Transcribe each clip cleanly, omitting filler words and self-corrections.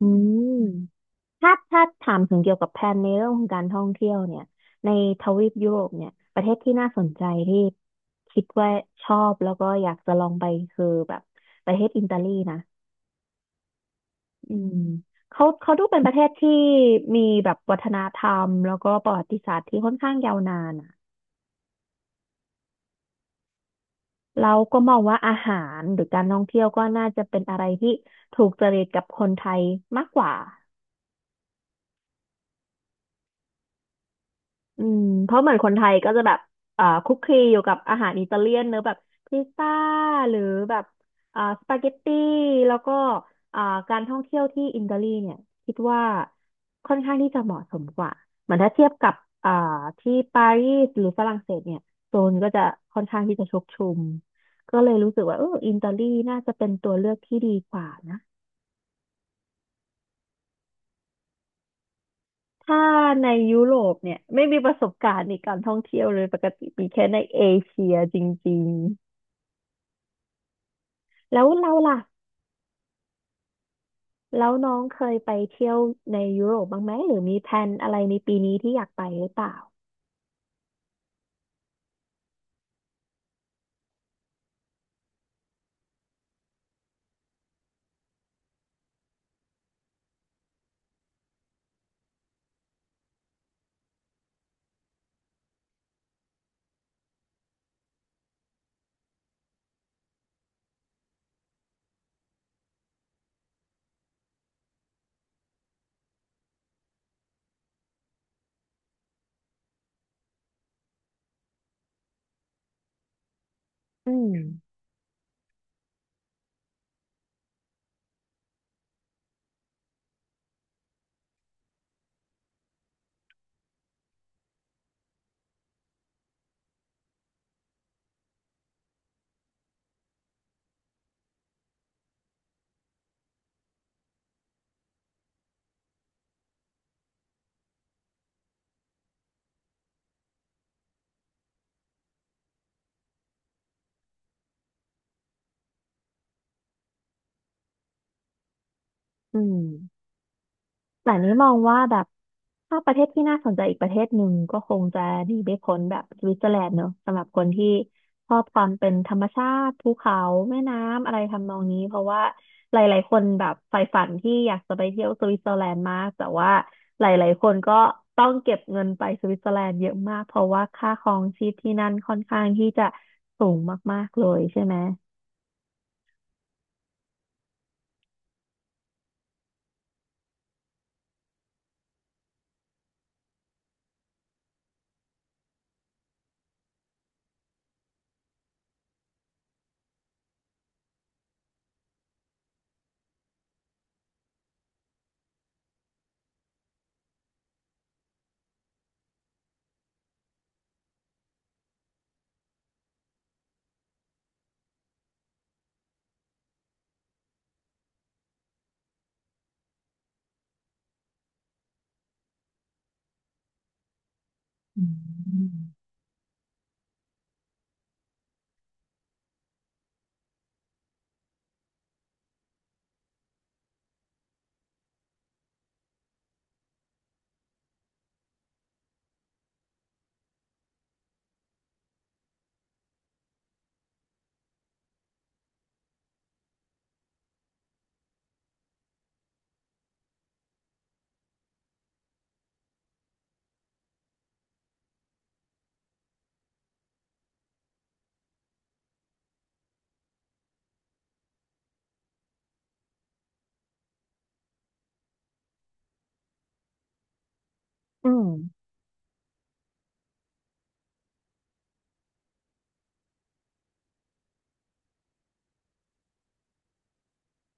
อืมถ้าถามถึงเกี่ยวกับแผนในเรื่องของการท่องเที่ยวเนี่ยในทวีปยุโรปเนี่ยประเทศที่น่าสนใจที่คิดว่าชอบแล้วก็อยากจะลองไปคือแบบประเทศอิตาลีนะอืมเขาดูเป็นประเทศที่มีแบบวัฒนธรรมแล้วก็ประวัติศาสตร์ที่ค่อนข้างยาวนานอ่ะเราก็มองว่าอาหารหรือการท่องเที่ยวก็น่าจะเป็นอะไรที่ถูกจริตกับคนไทยมากกว่า อืมเพราะเหมือนคนไทยก็จะแบบคุกคลีอยู่กับอาหารอิตาเลียนเนอะแบบพิซซ่าหรือแบบสปาเกตตี้แล้วก็อ่าการท่องเที่ยวที่อิตาลีเนี่ยคิดว่าค่อนข้างที่จะเหมาะสมกว่าเหมือนถ้าเทียบกับอ่าที่ปารีสหรือฝรั่งเศสเนี่ยโซนก็จะค่อนข้างที่จะชกชุมก็เลยรู้สึกว่าเอออิตาลีน่าจะเป็นตัวเลือกที่ดีกว่านะ ถ้าในยุโรปเนี่ยไม่มีประสบการณ์ในการท่องเที่ยวเลยปกติมีแค่ในเอเชียจริงๆแล้วเราล่ะแล้วน้องเคยไปเที่ยวในยุโรปบ้างไหมหรือมีแพลนอะไรในปีนี้ที่อยากไปหรือเปล่าอืมอืม แต่นี้มองว่าแบบถ้าประเทศที่น่าสนใจอีกประเทศหนึ่งก็คงจะหนีไม่พ้นแบบสวิตเซอร์แลนด์เนอะสำหรับคนที่ชอบความเป็นธรรมชาติภูเขาแม่น้ำอะไรทำนองนี้เพราะว่าหลายๆคนแบบใฝ่ฝันที่อยากจะไปเที่ยวสวิตเซอร์แลนด์มากแต่ว่าหลายๆคนก็ต้องเก็บเงินไปสวิตเซอร์แลนด์เยอะมากเพราะว่าค่าครองชีพที่นั่นค่อนข้างที่จะสูงมากๆเลยใช่ไหมอืมอืม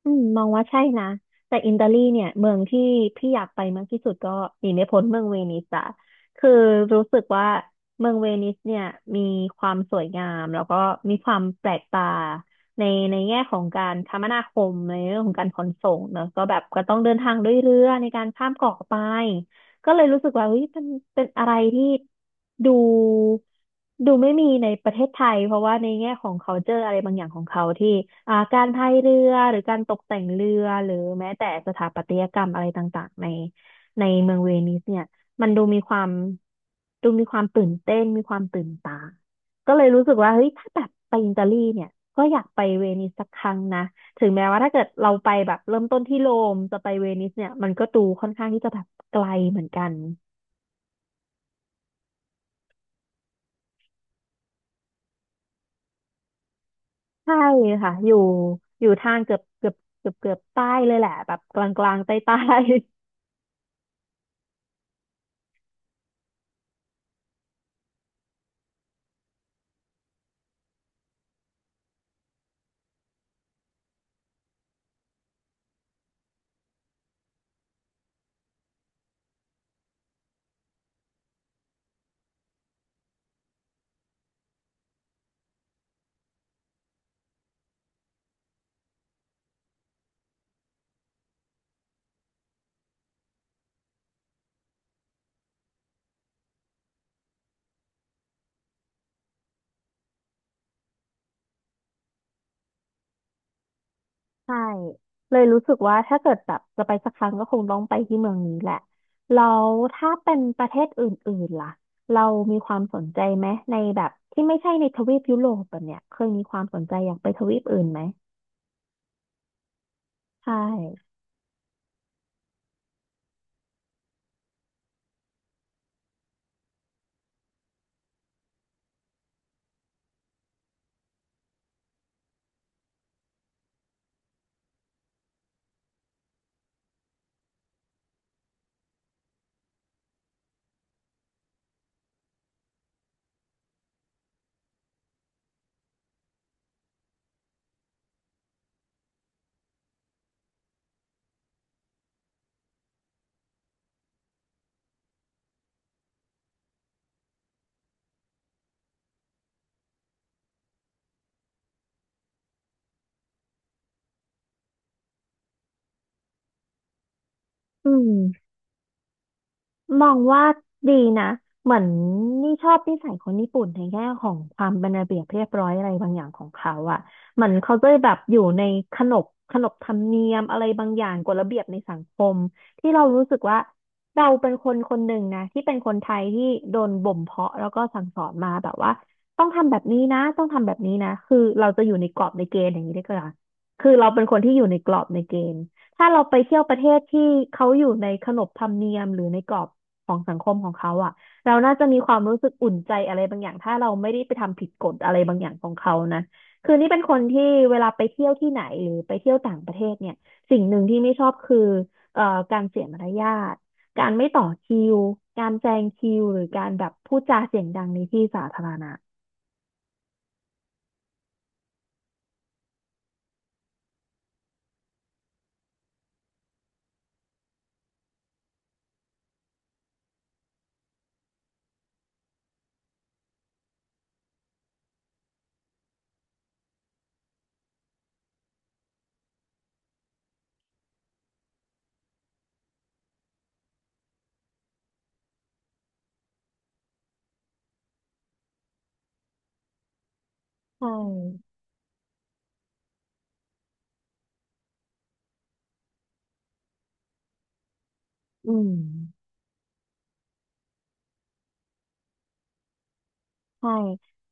อืมมองว่าใช่นะแต่อิตาลีเนี่ยเมืองที่พี่อยากไปมากที่สุดก็หนีไม่พ้นเมืองเวนิสอะคือรู้สึกว่าเมืองเวนิสเนี่ยมีความสวยงามแล้วก็มีความแปลกตาในในแง่ของการคมนาคมในเรื่องของการขนส่งเนอะก็แบบก็ต้องเดินทางด้วยเรือในการข้ามเกาะไป ก็เลยรู้สึกว่าเฮ้ยมันเป็นอะไรที่ดูดูไม่มีในประเทศไทยเพราะว่าในแง่ของ culture อะไรบางอย่างของเขาที่การพายเรือหรือการตกแต่งเรือหรือแม้แต่สถาปัตยกรรมอะไรต่างๆในเมืองเวนิสเนี่ยมันดูมีความดูมีความตื่นเต้นมีความตื่นตาก็เลยรู้สึกว่าเฮ้ยถ้าแบบไปอิตาลีเนี่ยก็อยากไปเวนิสสักครั้งนะ ถึงแม้ว่าถ้าเกิดเราไปแบบเริ่มต้นที่โรมจะไปเวนิสเนี่ยมันก็ดูค่อนข้างที่จะแบบไกลเหมือนกันใช่ค่ะอยู่ทางเกือบใต้เลยแหละแบบกลางกลางใต้ใต้ ใช่เลยรู้สึกว่าถ้าเกิดแบบจะไปสักครั้งก็คงต้องไปที่เมืองนี้แหละแล้วถ้าเป็นประเทศอื่นๆล่ะเรามีความสนใจไหมในแบบที่ไม่ใช่ในทวีปยุโรปแบบเนี้ยเคยมีความสนใจอยากไปทวีปอื่นไหมใช่อืม มองว่าดีนะเหมือนนี่ชอบนิสัยคนญี่ปุ่นในแง่ของความเป็นระเบียบเรียบร้อยอะไรบางอย่างของเขาอ่ะเหมือนเขาจะแบบอยู่ในขนบขนบธรรมเนียมอะไรบางอย่างกฎระเบียบในสังคมที่เรารู้สึกว่าเราเป็นคนคนหนึ่งนะที่เป็นคนไทยที่โดนบ่มเพาะแล้วก็สั่งสอนมาแบบว่าต้องทำแบบนี้นะต้องทำแบบนี้นะคือเราจะอยู่ในกรอบในเกณฑ์อย่างนี้ได้ก็ล่ะคือเราเป็นคนที่อยู่ในกรอบในเกณฑ์ถ้าเราไปเที่ยวประเทศที่เขาอยู่ในขนบธรรมเนียมหรือในกรอบ ของสังคมของเขาอ่ะเราน่าจะมีความรู้สึกอุ่นใจอะไรบางอย่างถ้าเราไม่ได้ไปทำผิดกฎอะไรบางอย่างของเขานะคือนี่เป็นคนที่เวลาไปเที่ยวที่ไหนหรือไปเที่ยวต่างประเทศเนี่ยสิ่งหนึ่งที่ไม่ชอบคือเอ่อการเสียมารยาทการไม่ต่อคิวการแซงคิวหรือการแบบพูดจาเสียงดังในที่สาธารณะใช่อืม ใช่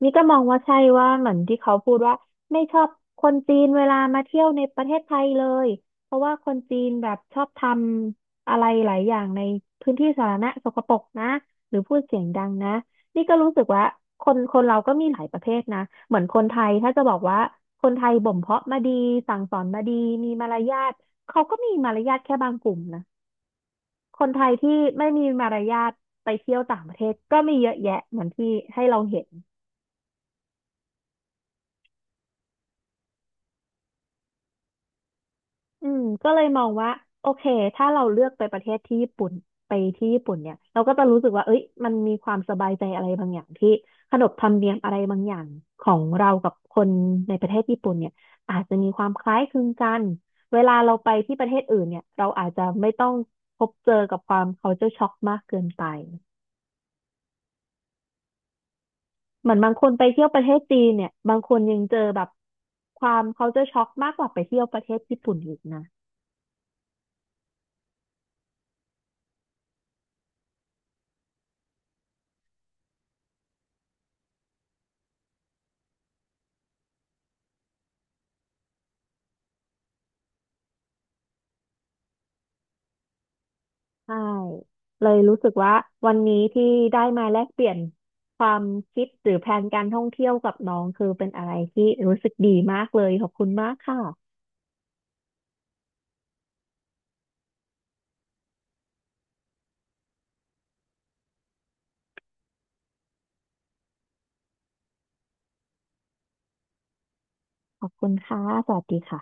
นี่ก็มองว่าใช่ว่าเหมือนที่เขาพูดว่าไม่ชอบคนจีนเวลามาเที่ยวในประเทศไทยเลยเพราะว่าคนจีนแบบชอบทำอะไรหลายอย่างในพื้นที่สาธารณะสกปรกนะหรือพูดเสียงดังนะนี่ก็รู้สึกว่าคนคนเราก็มีหลายประเภทนะเหมือนคนไทยถ้าจะบอกว่าคนไทยบ่มเพาะมาดีสั่งสอนมาดีมีมารยาทเขาก็มีมารยาทแค่บางกลุ่มนะคนไทยที่ไม่มีมารยาทไปเที่ยวต่างประเทศก็มีเยอะแยะเหมือนที่ให้เราเห็น อืมก็เลยมองว่าโอเคถ้าเราเลือกไปประเทศที่ญี่ปุ่นไปที่ญี่ปุ่นเนี่ยเราก็จะรู้สึกว่าเอ้ยมันมีความสบายใจอะไรบางอย่างที่ขนบธรรมเนียมอะไรบางอย่างของเรากับคนในประเทศญี่ปุ่นเนี่ยอาจจะมีความคล้ายคลึงกันเวลาเราไปที่ประเทศอื่นเนี่ยเราอาจจะไม่ต้องพบเจอกับความ culture shock มากเกินไปเหมือนบางคนไปเที่ยวประเทศจีนเนี่ยบางคนยังเจอแบบความ culture shock มากกว่าไปเที่ยวประเทศญี่ปุ่นอีกนะ ใช่เลยรู้สึกว่าวันนี้ที่ได้มาแลกเปลี่ยนความคิดหรือแพลนการท่องเที่ยวกับน้องคือเป็นอะไรที่รู้สึกดีมากเลยขอบคุณมากค่ะ ขอบคุณค่ะ สวัสดีค่ะ